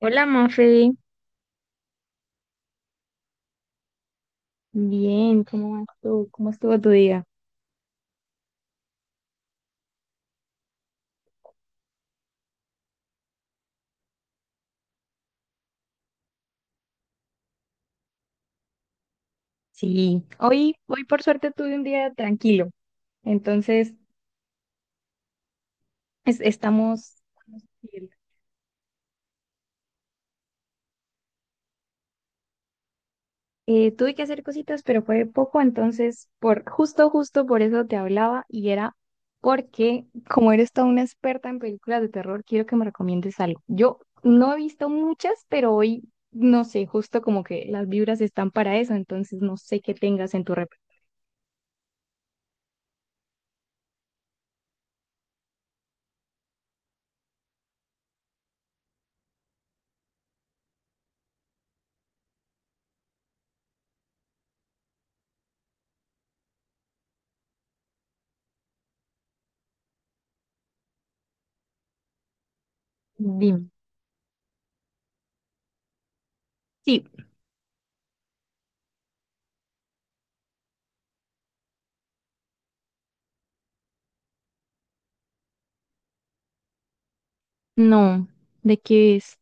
Hola, Mafe. Bien, ¿cómo vas tú? ¿Cómo estuvo tu día? Sí, hoy por suerte tuve un día tranquilo, entonces es- estamos... Tuve que hacer cositas, pero fue poco, entonces por justo por eso te hablaba y era porque como eres toda una experta en películas de terror, quiero que me recomiendes algo. Yo no he visto muchas, pero hoy, no sé, justo como que las vibras están para eso, entonces no sé qué tengas en tu repertorio. Dime. Sí. No, ¿de qué es?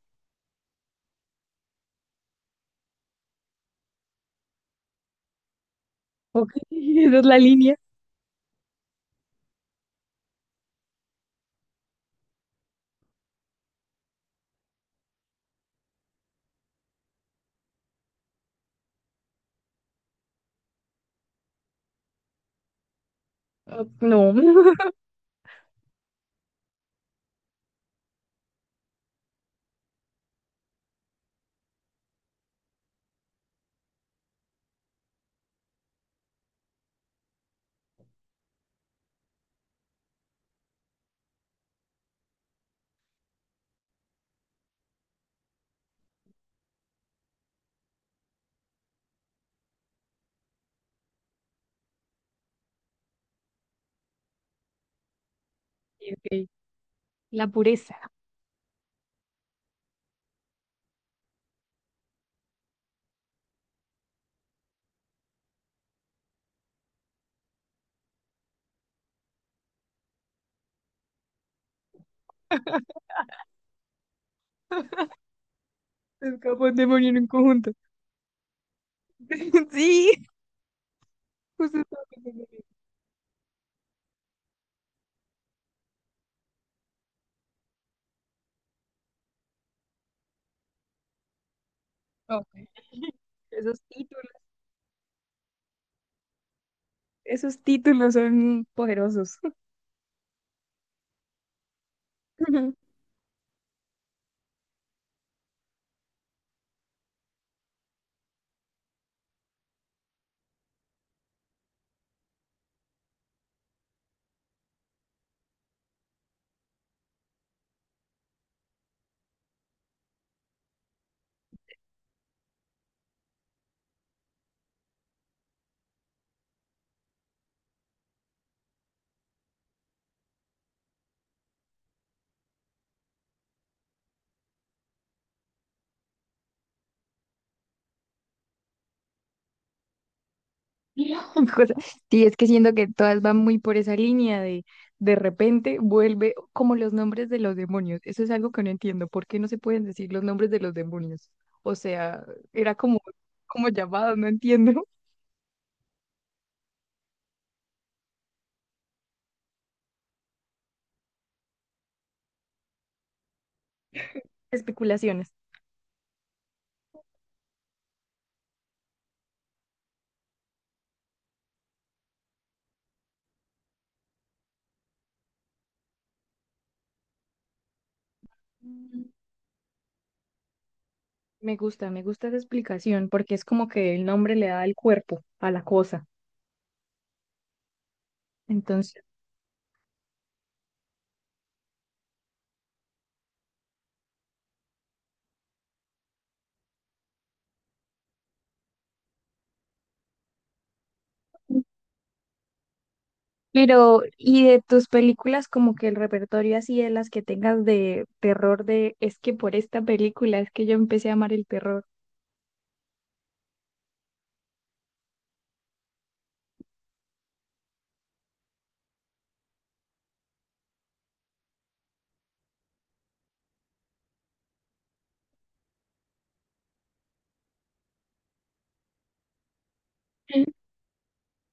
Ok, esa es la línea. Ah, no. Ok. La pureza. Es capaz de morir en un conjunto. Sí, justo estaba pensando en eso. Ok. Esos títulos, esos títulos son poderosos. Cosa- Sí, es que siento que todas van muy por esa línea de repente vuelve como los nombres de los demonios. Eso es algo que no entiendo. ¿Por qué no se pueden decir los nombres de los demonios? O sea, era como, como llamados, no entiendo. Especulaciones. Mm. Me gusta esa explicación porque es como que el nombre le da el cuerpo a la cosa. Entonces, pero ¿y de tus películas como que el repertorio así de las que tengas de terror de es que por esta película es que yo empecé a amar el terror?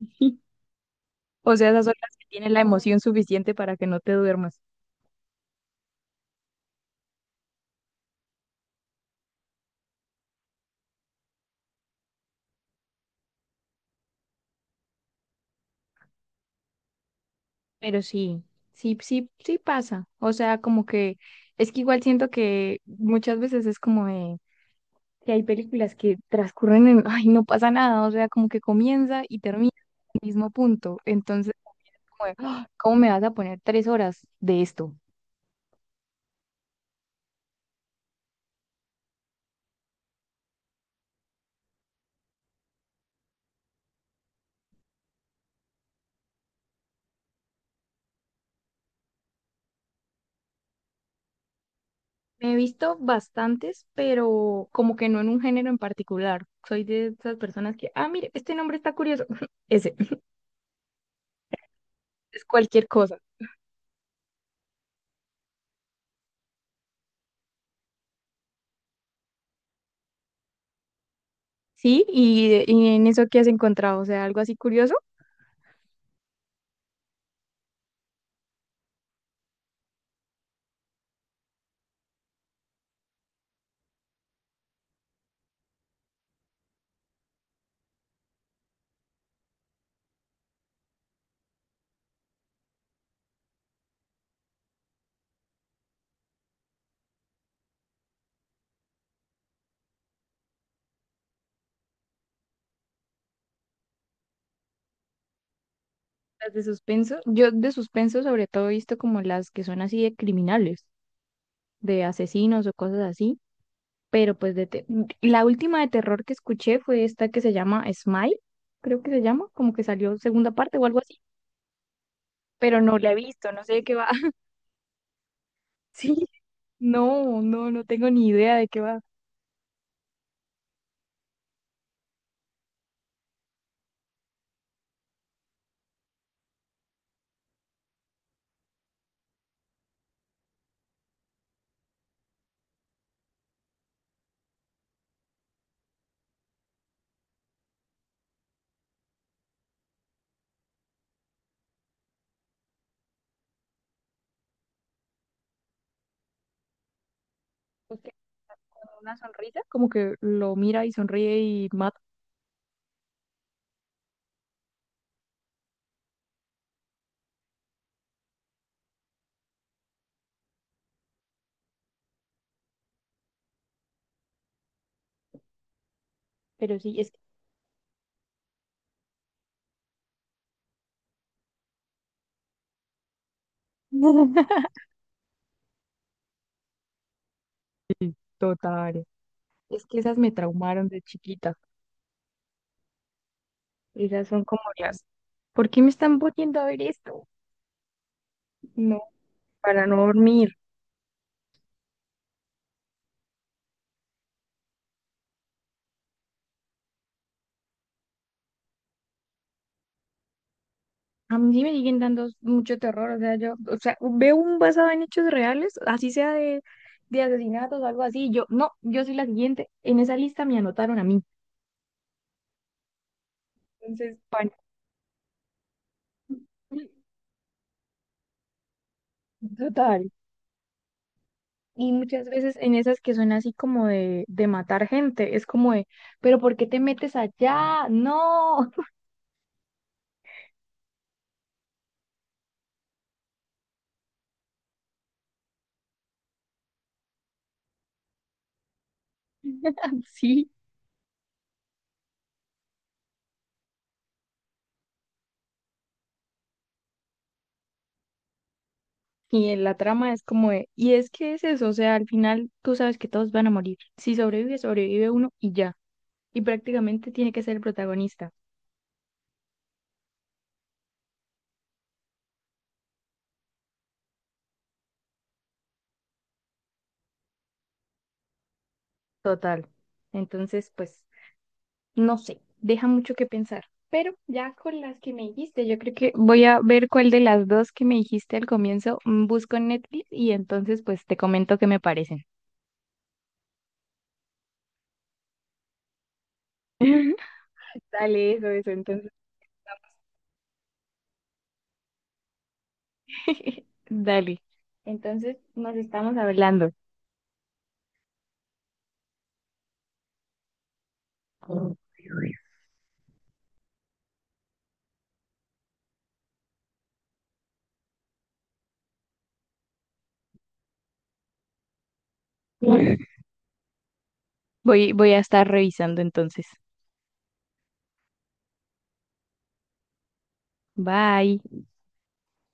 O sea, esas son las que tienen la emoción suficiente para que no te duermas. Pero sí, sí pasa. O sea, como que es que igual siento que muchas veces es como de que hay películas que transcurren en, ay, no pasa nada, o sea, como que comienza y termina en el mismo punto. Entonces, como de, "Ah, ¿cómo me vas a poner tres horas de esto?" Me he visto bastantes, pero como que no en un género en particular. Soy de esas personas que, ah, mire, este nombre está curioso. Ese, es cualquier cosa. Sí, y en eso que has encontrado, o sea, algo así curioso. Las de suspenso, yo de suspenso sobre todo he visto como las que son así de criminales, de asesinos o cosas así. Pero pues de te- la última de terror que escuché fue esta que se llama Smile, creo que se llama, como que salió segunda parte o algo así, pero no la he visto, no sé de qué va. Sí, no tengo ni idea de qué va. Porque con una sonrisa, como que lo mira y sonríe y mata, pero sí, es que... Total, es que esas me traumaron de chiquita, esas son como las... ¿Por qué me están poniendo a ver esto? No, para no dormir. A mí sí me siguen dando mucho terror, o sea, yo, o sea, veo un basado en hechos reales, así sea de asesinatos o algo así, yo, no, yo soy la siguiente, en esa lista me anotaron a mí, entonces, pan, total. Y muchas veces en esas que son así como de matar gente, es como de, pero ¿por qué te metes allá? No, sí. Y en la trama es como de, y es que es eso, o sea, al final tú sabes que todos van a morir, si sobrevive, sobrevive uno y ya. Y prácticamente tiene que ser el protagonista, total. Entonces, pues, no sé, deja mucho que pensar. Pero ya con las que me dijiste, yo creo que voy a ver cuál de las dos que me dijiste al comienzo busco en Netflix y entonces pues te comento qué me parecen. Dale, eso, entonces. Dale. Entonces nos estamos hablando. Voy a estar revisando entonces. Bye.